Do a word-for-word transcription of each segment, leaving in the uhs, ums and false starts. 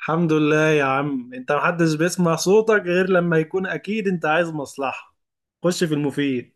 الحمد لله يا عم، انت محدش بيسمع صوتك غير لما يكون اكيد انت عايز مصلحة. خش في المفيد.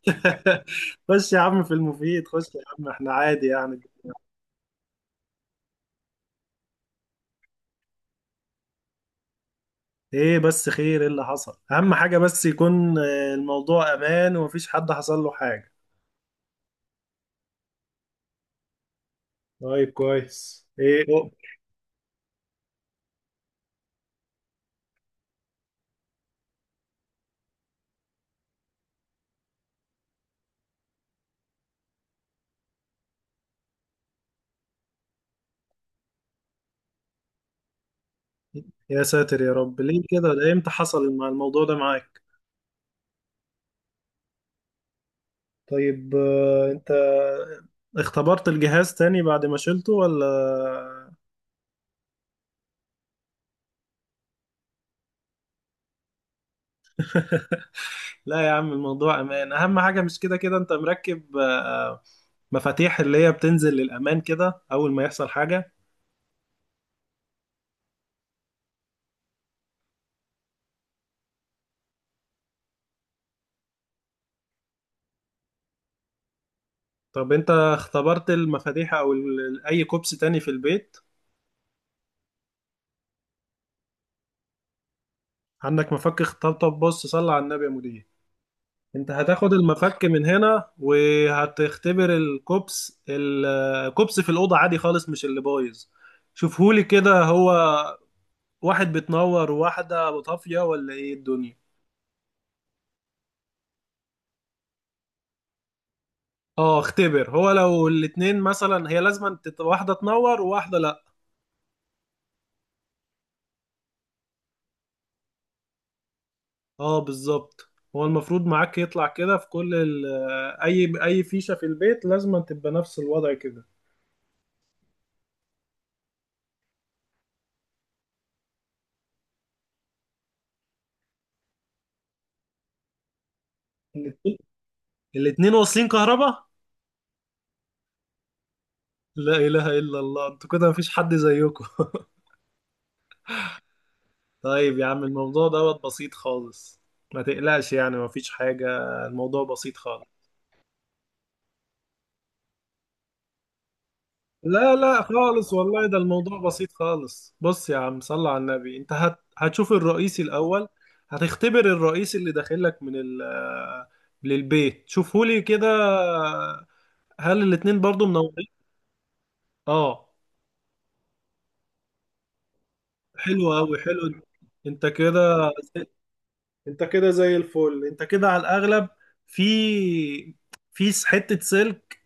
خش يا عم في المفيد، خش يا عم، احنا عادي يعني. ايه بس خير؟ ايه اللي حصل؟ اهم حاجة بس يكون آه، الموضوع امان ومفيش حد حصل له حاجة. طيب كويس. ايه أوه. يا ساتر يا رب، ليه كده؟ ده امتى حصل مع الموضوع ده معاك؟ طيب، آه، انت اختبرت الجهاز تاني بعد ما شلته ولا؟ لا يا عم، الموضوع امان، اهم حاجه. مش كده كده انت مركب آه، مفاتيح اللي هي بتنزل للامان كده اول ما يحصل حاجه؟ طب انت اختبرت المفاتيح او ال- اي كوبس تاني في البيت؟ عندك مفك؟ طب طب، بص، صلي على النبي يا مدير. انت هتاخد المفك من هنا وهتختبر الكوبس، الكوبس في الاوضه عادي خالص، مش اللي بايظ. شوفهولي كده، هو واحد بتنور وواحده طافيه ولا ايه الدنيا؟ اه اختبر، هو لو الاتنين مثلا هي لازم تت... واحدة تنور وواحدة لا. اه بالظبط. هو المفروض معاك يطلع كده في كل ال... اي اي فيشة في البيت لازم تبقى نفس الوضع كده. الاتنين؟ الاتنين واصلين كهرباء؟ لا اله الا الله، انتوا كده مفيش حد زيكم. طيب يا عم، الموضوع دوت بسيط خالص، ما تقلقش، يعني مفيش حاجة، الموضوع بسيط خالص. لا لا خالص والله، ده الموضوع بسيط خالص. بص يا عم، صل على النبي، انت هت... هتشوف الرئيسي الاول. هتختبر الرئيس اللي داخل لك من ال... للبيت. شوفهولي كده، هل الاتنين برضو منورين؟ اه. حلو قوي، حلو. انت كده، انت كده زي الفل. انت كده على الاغلب في، في حتة سلك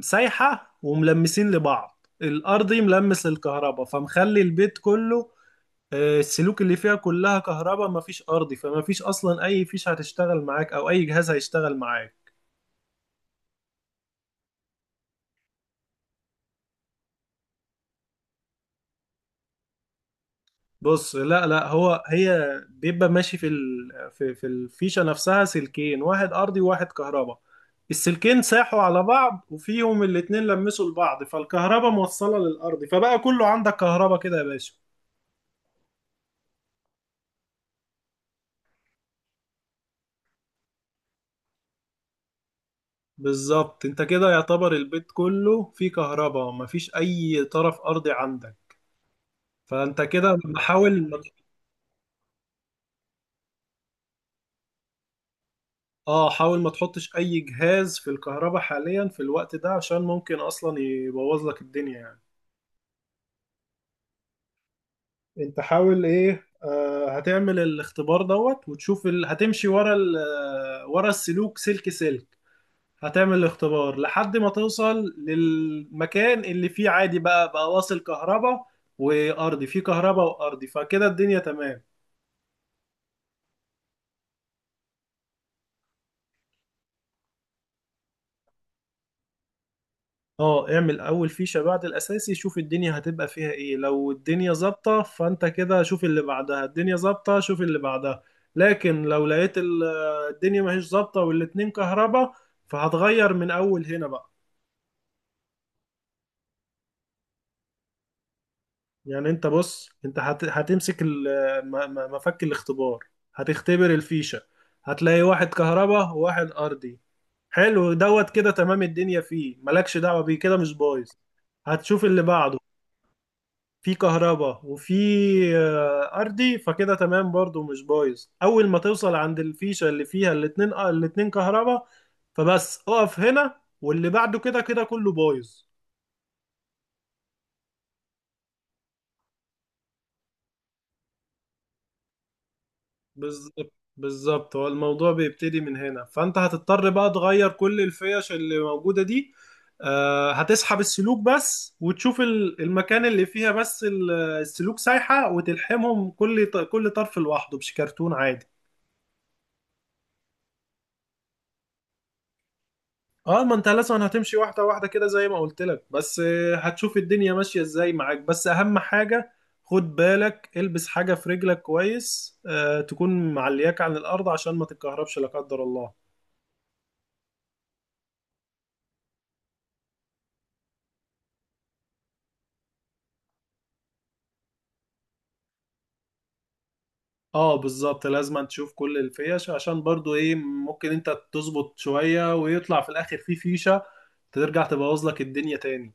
سايحة وملمسين لبعض، الارضي ملمس للكهرباء فمخلي البيت كله، آه، السلوك اللي فيها كلها كهرباء مفيش ارضي، فمفيش اصلا اي فيش هتشتغل معاك او اي جهاز هيشتغل معاك. بص لا لا، هو هي بيبقى ماشي في ال... في في الفيشه نفسها سلكين، واحد ارضي وواحد كهرباء. السلكين ساحوا على بعض وفيهم الاتنين لمسوا لبعض، فالكهرباء موصله للارض فبقى كله عندك كهرباء كده يا باشا. بالظبط، انت كده يعتبر البيت كله فيه كهرباء مفيش اي طرف ارضي عندك، فانت كده بحاول. اه حاول ما تحطش اي جهاز في الكهرباء حاليا في الوقت ده عشان ممكن اصلا يبوظ لك الدنيا يعني. انت حاول ايه، آه، هتعمل الاختبار دوت وتشوف ال... هتمشي ورا ال... آه، ورا السلوك، سلك سلك. هتعمل الاختبار لحد ما توصل للمكان اللي فيه عادي بقى، بقى واصل كهرباء وارضي، فيه كهرباء وارضي فكده الدنيا تمام. اه اعمل اول فيشة بعد الاساسي، شوف الدنيا هتبقى فيها ايه. لو الدنيا ظابطة فانت كده شوف اللي بعدها، الدنيا ظابطة شوف اللي بعدها. لكن لو لقيت ال- آه، الدنيا ماهيش ظابطة والاتنين كهربا، فهتغير من اول هنا بقى. يعني انت بص، انت هت... هتمسك ال- آه، م- م- مفك الاختبار، هتختبر الفيشة، هتلاقي واحد كهربا وواحد ارضي، حلو دوت كده تمام الدنيا فيه مالكش دعوة بيه، كده مش بايظ. هتشوف اللي بعده، في كهرباء وفي آه، ارضي، فكده تمام برضو مش بايظ. اول ما توصل عند الفيشه اللي فيها الاتنين آه، الاتنين كهرباء، فبس اقف هنا، واللي بعده كده كده كله بايظ. بالظبط بالظبط، هو الموضوع بيبتدي من هنا، فانت هتضطر بقى تغير كل الفيش اللي موجوده دي، آه، هتسحب السلوك بس وتشوف ال- المكان اللي فيها بس ال- السلوك سايحه، وتلحمهم كل ط- كل طرف لوحده بشكرتون عادي. اه ما انت لازم هتمشي واحده واحده كده زي ما قلت لك، بس آه، هتشوف الدنيا ماشيه ازاي معاك. بس اهم حاجه، خد بالك البس حاجه في رجلك كويس، آه، تكون معلياك عن الارض عشان ما تتكهربش لا قدر الله. اه بالظبط، لازم تشوف كل الفيش عشان برضو ايه، ممكن انت تظبط شويه ويطلع في الاخر في فيشه ترجع تبوظ لك الدنيا تاني.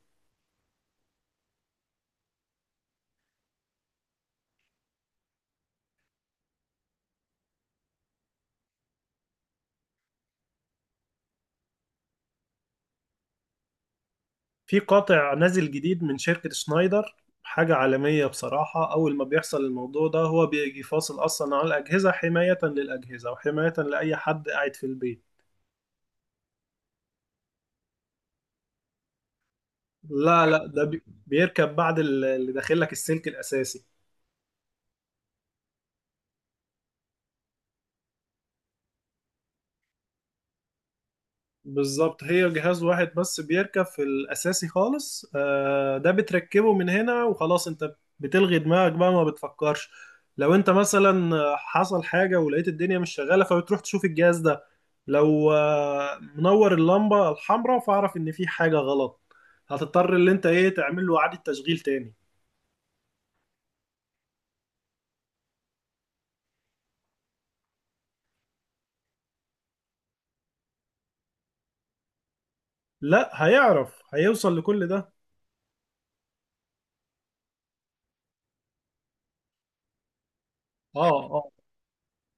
في قاطع نازل جديد من شركة شنايدر، حاجة عالمية بصراحة. أول ما بيحصل الموضوع ده هو بيجي فاصل أصلا على الأجهزة، حماية للأجهزة وحماية لأي حد قاعد في البيت. لا لا، ده بي- بيركب بعد ال- اللي داخل لك السلك الأساسي. بالظبط، هي جهاز واحد بس بيركب في الأساسي خالص، آه، ده بتركبه من هنا وخلاص. انت بتلغي دماغك بقى ما بتفكرش. لو انت مثلا حصل حاجة ولقيت الدنيا مش شغالة، فبتروح تشوف الجهاز ده، لو آه، منور اللمبة الحمراء فاعرف ان في حاجة غلط، هتضطر اللي انت ايه، تعمل له إعادة تشغيل تاني. لا هيعرف، هيوصل لكل ده. اه اه،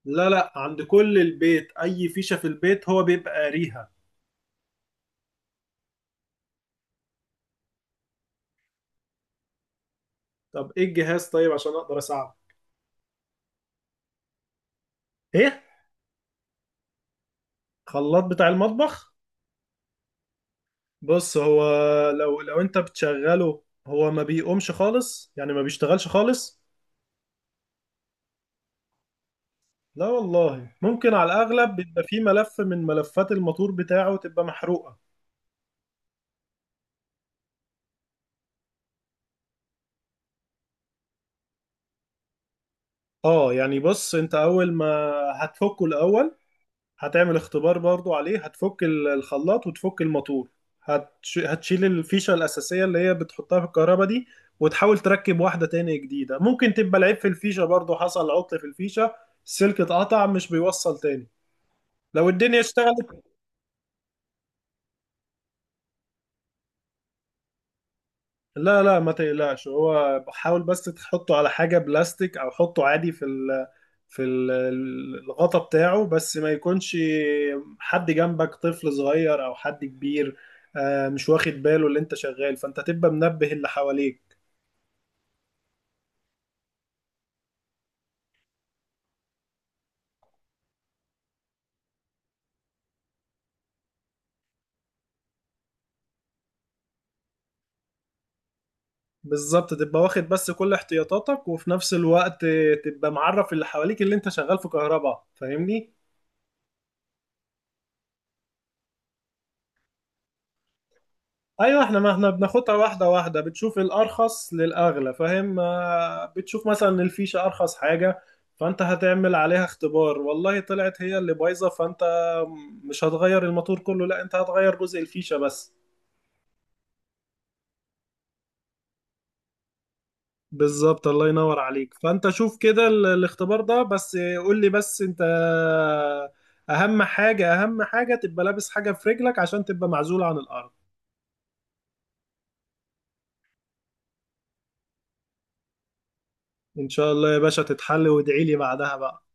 لا لا، عند كل البيت، اي فيشة في البيت هو بيبقى قاريها. طب ايه الجهاز؟ طيب عشان اقدر اساعده. ايه؟ خلاط بتاع المطبخ؟ بص، هو لو لو انت بتشغله هو ما بيقومش خالص، يعني ما بيشتغلش خالص. لا والله، ممكن على الاغلب بيبقى فيه ملف من ملفات الموتور بتاعه تبقى محروقة. اه يعني بص، انت اول ما هتفكه الاول، هتعمل اختبار برضو عليه. هتفك ال- الخلاط وتفك الماتور، هتش... هتشيل الفيشة الأساسية اللي هي بتحطها في الكهرباء دي، وتحاول تركب واحدة تاني جديدة. ممكن تبقى العيب في الفيشة برضو، حصل عطل في الفيشة، السلك اتقطع مش بيوصل تاني. لو الدنيا اشتغلت. لا لا ما تقلقش، هو حاول بس تحطه على حاجة بلاستيك أو حطه عادي في ال... في ال- ال- الغطا بتاعه، بس ما يكونش حد جنبك طفل صغير او حد كبير آه، مش واخد باله اللي انت شغال، فانت تبقى منبه اللي حواليك. بالظبط، تبقى واخد بس كل احتياطاتك وفي نفس الوقت تبقى معرف اللي حواليك اللي انت شغال في كهرباء، فاهمني؟ ايوه، احنا ما احنا بناخدها واحده واحده، بتشوف الارخص للاغلى، فاهم؟ آه، بتشوف مثلا إن الفيشه ارخص حاجه، فانت هتعمل عليها اختبار، والله طلعت هي اللي بايظه، فانت مش هتغير الموتور كله، لا انت هتغير جزء الفيشه بس. بالظبط، الله ينور عليك. فانت شوف كده ال- الاختبار ده بس، قول لي. بس انت، اهم حاجه اهم حاجه تبقى لابس حاجه في رجلك عشان تبقى معزول عن الارض. ان شاء الله يا باشا تتحل، وادعي لي بعدها بقى.